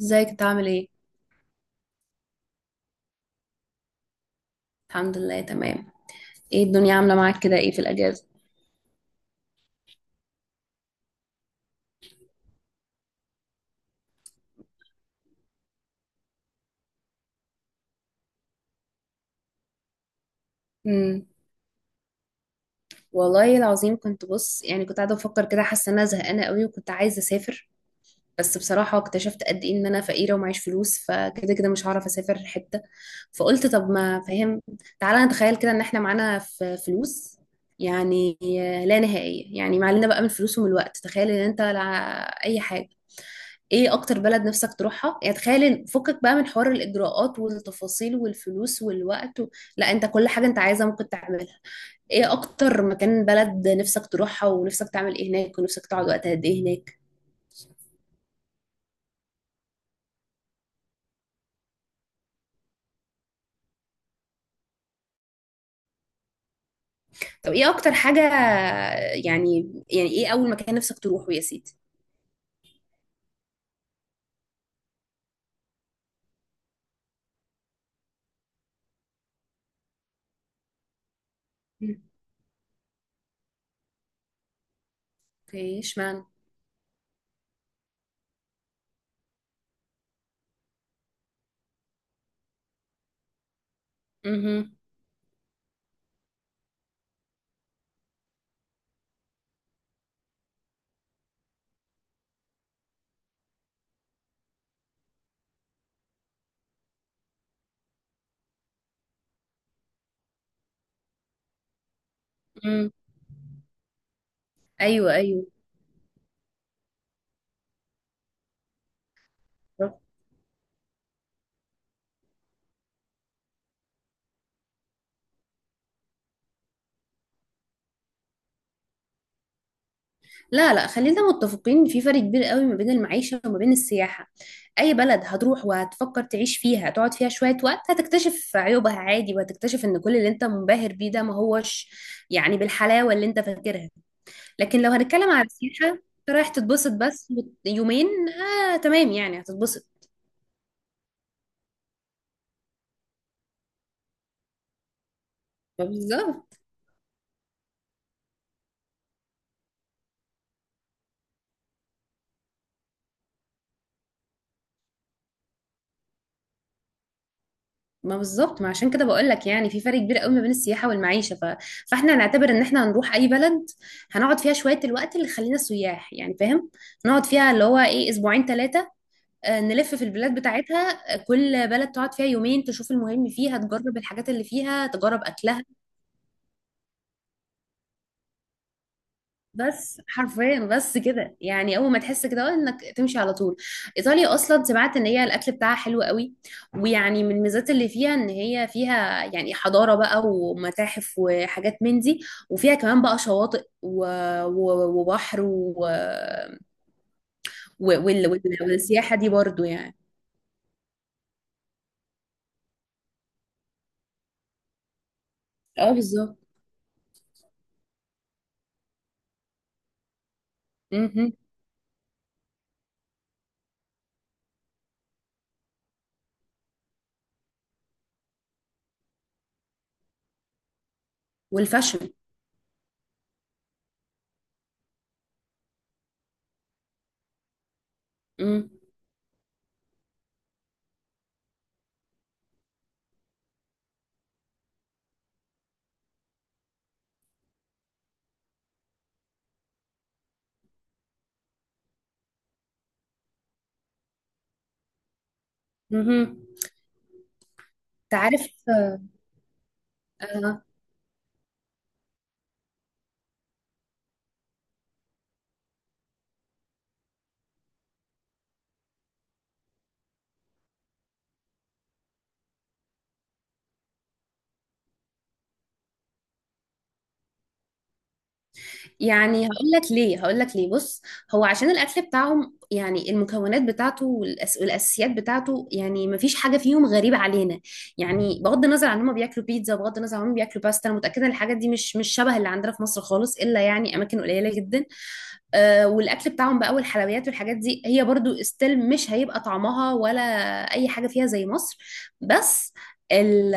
ازيك انت عامل ايه؟ الحمد لله، تمام. ايه الدنيا عامله معاك كده، ايه في الاجازه؟ امم. والله العظيم، كنت بص يعني كنت قاعده بفكر كده، حاسه ان انا زهقانه قوي وكنت عايزه اسافر. بس بصراحه اكتشفت قد ايه ان انا فقيره ومعيش فلوس، فكده كده مش هعرف اسافر حته. فقلت طب، ما فاهم. تعالى نتخيل كده ان احنا معانا فلوس، يعني لا نهائيه، يعني معلنا بقى من الفلوس ومن الوقت. تخيل ان انت لا، اي حاجه، ايه اكتر بلد نفسك تروحها؟ يعني تخيل فكك بقى من حوار الاجراءات والتفاصيل والفلوس والوقت لا، انت كل حاجة انت عايزها ممكن تعملها. ايه اكتر مكان بلد نفسك تروحها، ونفسك تعمل ايه هناك، ونفسك تقعد وقت قد ايه هناك؟ طب، ايه اكتر حاجة، يعني ايه اول مكان نفسك تروحه يا سيدي؟ مم. اوكي، اشمعنى؟ مهم. مم. ايوه، ايوه. لا، لا، خلينا متفقين إن في فرق كبير قوي ما بين المعيشة وما بين السياحة. أي بلد هتروح وهتفكر تعيش فيها، هتقعد فيها شوية وقت هتكتشف عيوبها عادي، وهتكتشف إن كل اللي أنت منبهر بيه ده ما هوش يعني بالحلاوة اللي أنت فاكرها. لكن لو هنتكلم على السياحة، أنت رايح تتبسط بس، يومين. آه، تمام، يعني هتتبسط. بالظبط. ما بالظبط، ما عشان كده بقول لك يعني في فرق كبير قوي ما بين السياحه والمعيشه. فاحنا هنعتبر ان احنا هنروح اي بلد، هنقعد فيها شويه، الوقت اللي خلينا سياح، يعني فاهم؟ نقعد فيها اللي هو ايه، اسبوعين، ثلاثه. نلف في البلاد بتاعتها، كل بلد تقعد فيها يومين، تشوف المهم فيها، تجرب الحاجات اللي فيها، تجرب اكلها. بس حرفيا، بس كده، يعني اول ما تحس كده انك تمشي على طول. ايطاليا اصلا، سمعت ان هي الاكل بتاعها حلو قوي. ويعني من الميزات اللي فيها ان هي فيها يعني حضاره بقى ومتاحف وحاجات من دي. وفيها كمان بقى شواطئ وبحر وال... والسياحه دي برضو يعني. اه، بالظبط. مهم. والفاشن. مهم. مهم. تعرف. آه. يعني هقول لك ليه، هقول لك ليه، بص. هو عشان الاكل بتاعهم، يعني المكونات بتاعته والاساسيات بتاعته، يعني ما فيش حاجه فيهم غريبه علينا. يعني بغض النظر عن هم بياكلوا بيتزا، بغض النظر عن هم بياكلوا باستا، انا متاكده ان الحاجات دي مش شبه اللي عندنا في مصر خالص، الا يعني اماكن قليله جدا. والاكل بتاعهم بقى والحلويات والحاجات دي هي برضو استيل، مش هيبقى طعمها ولا اي حاجه فيها زي مصر. بس ال-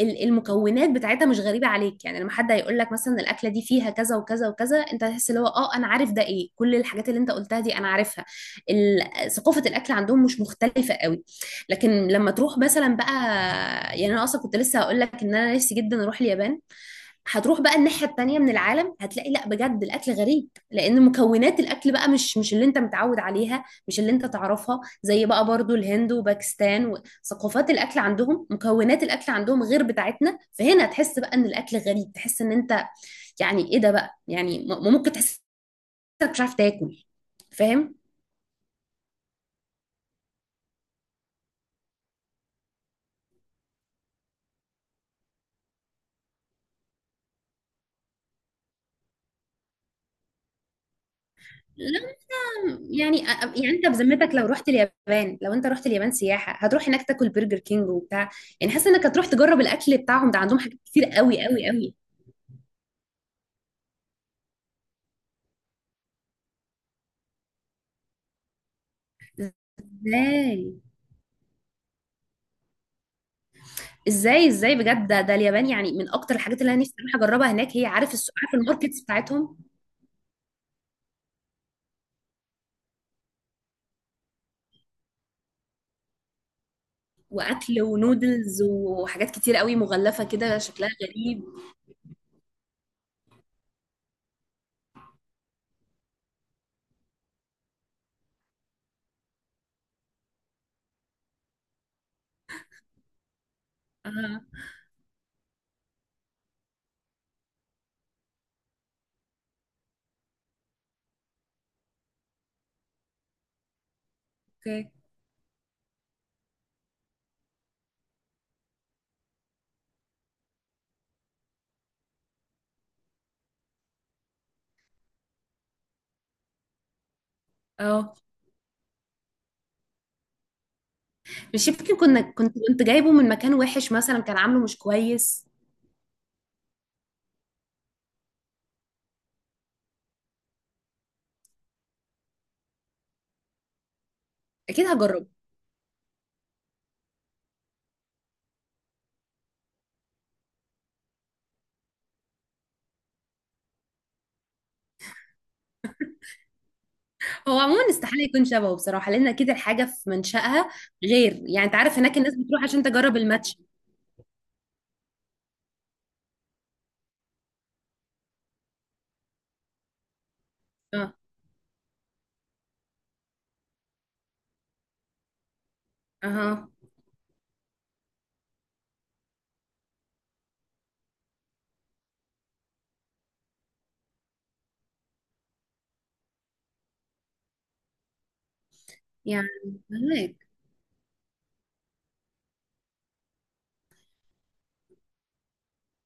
المكونات بتاعتها مش غريبه عليك، يعني لما حد هيقول لك مثلا الاكله دي فيها كذا وكذا وكذا، انت هتحس اللي هو انا عارف ده ايه، كل الحاجات اللي انت قلتها دي انا عارفها. ثقافه الاكل عندهم مش مختلفه قوي. لكن لما تروح مثلا بقى، يعني انا اصلا كنت لسه هقول لك ان انا نفسي جدا اروح اليابان. هتروح بقى الناحية التانية من العالم، هتلاقي لا، بجد الأكل غريب، لأن مكونات الأكل بقى مش اللي أنت متعود عليها، مش اللي أنت تعرفها، زي بقى برضو الهند وباكستان، وثقافات الأكل عندهم، مكونات الأكل عندهم غير بتاعتنا، فهنا تحس بقى إن الأكل غريب، تحس إن أنت، يعني إيه ده بقى، يعني ممكن تحس إنك مش عارف تاكل. فاهم؟ لا، يعني يعني انت بذمتك لو انت رحت اليابان سياحه هتروح هناك تاكل برجر كينج وبتاع؟ يعني حاسه انك هتروح تجرب الاكل بتاعهم، ده عندهم حاجات كتير قوي قوي قوي. ازاي؟ بجد؟ ده اليابان يعني من اكتر الحاجات اللي انا نفسي اروح اجربها هناك، هي عارف الماركتس بتاعتهم، واكل ونودلز وحاجات كتير قوي مغلفه كده شكلها غريب. اه. اوكي. اه. مش يمكن كنا كنت كنت جايبه من مكان وحش مثلا، كان عامله مش كويس؟ اكيد هجربه. هو عموما استحاله يكون شبهه بصراحه، لان اكيد الحاجه في منشأها غير. يعني انت عارف هناك الناس بتروح عشان تجرب الماتش. اه، اها، يعني فهمك.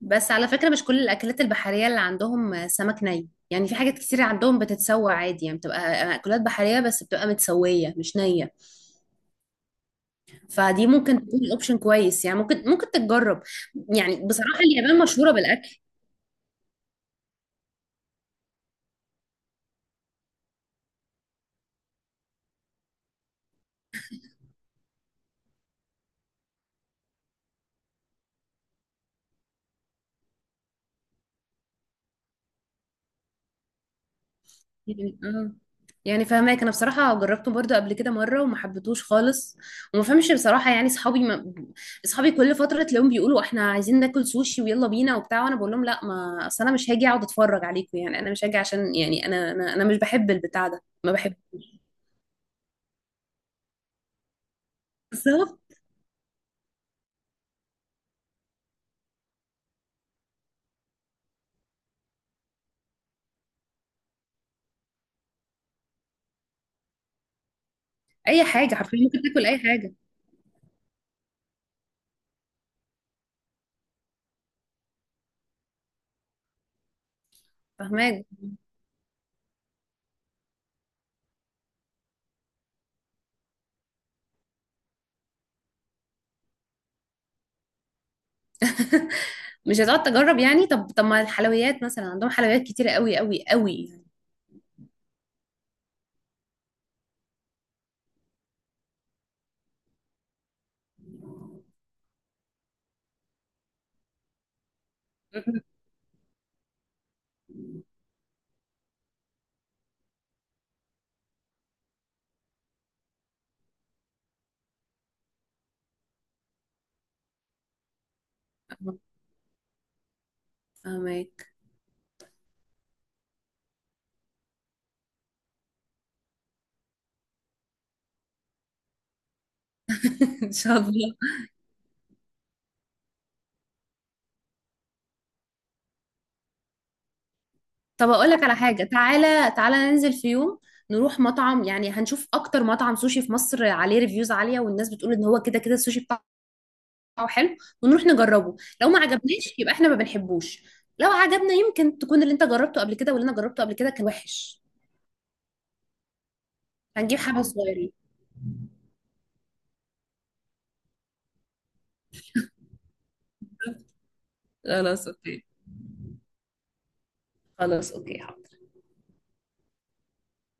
بس على فكرة، مش كل الأكلات البحرية اللي عندهم سمك ني، يعني في حاجات كتير عندهم بتتسوى عادي، يعني بتبقى أكلات بحرية بس بتبقى متسوية مش نية. فدي ممكن تكون أوبشن كويس، يعني ممكن تتجرب. يعني بصراحة اليابان مشهورة بالأكل. يعني يعني فاهماك، انا بصراحه جربته برضو قبل كده مره وما حبيتهوش خالص. وما فهمش بصراحه. يعني اصحابي ما... اصحابي كل فتره تلاقيهم بيقولوا احنا عايزين ناكل سوشي ويلا بينا وبتاع، وانا بقول لهم لا، ما اصل انا مش هاجي اقعد اتفرج عليكم، يعني انا مش هاجي عشان يعني أنا مش بحب البتاع ده ما بحبوش. بالظبط. اي حاجه، حرفيا ممكن تاكل اي حاجه. فاهماك. مش هتقعد تجرب يعني؟ طب ما الحلويات مثلا، عندهم حلويات كتيره قوي قوي قوي يعني. فاهماك. ان شاء الله. طب اقول لك على حاجه، تعالى تعالى ننزل في يوم نروح مطعم، يعني هنشوف اكتر مطعم سوشي في مصر عليه ريفيوز عاليه، والناس بتقول ان هو كده كده السوشي بتاعه حلو، ونروح نجربه. لو ما عجبناش يبقى احنا ما بنحبوش، لو عجبنا يمكن تكون اللي انت جربته قبل كده واللي انا جربته قبل كده كان وحش. هنجيب حبه صغيرين. خلاص، اوكي. خلاص، اوكي.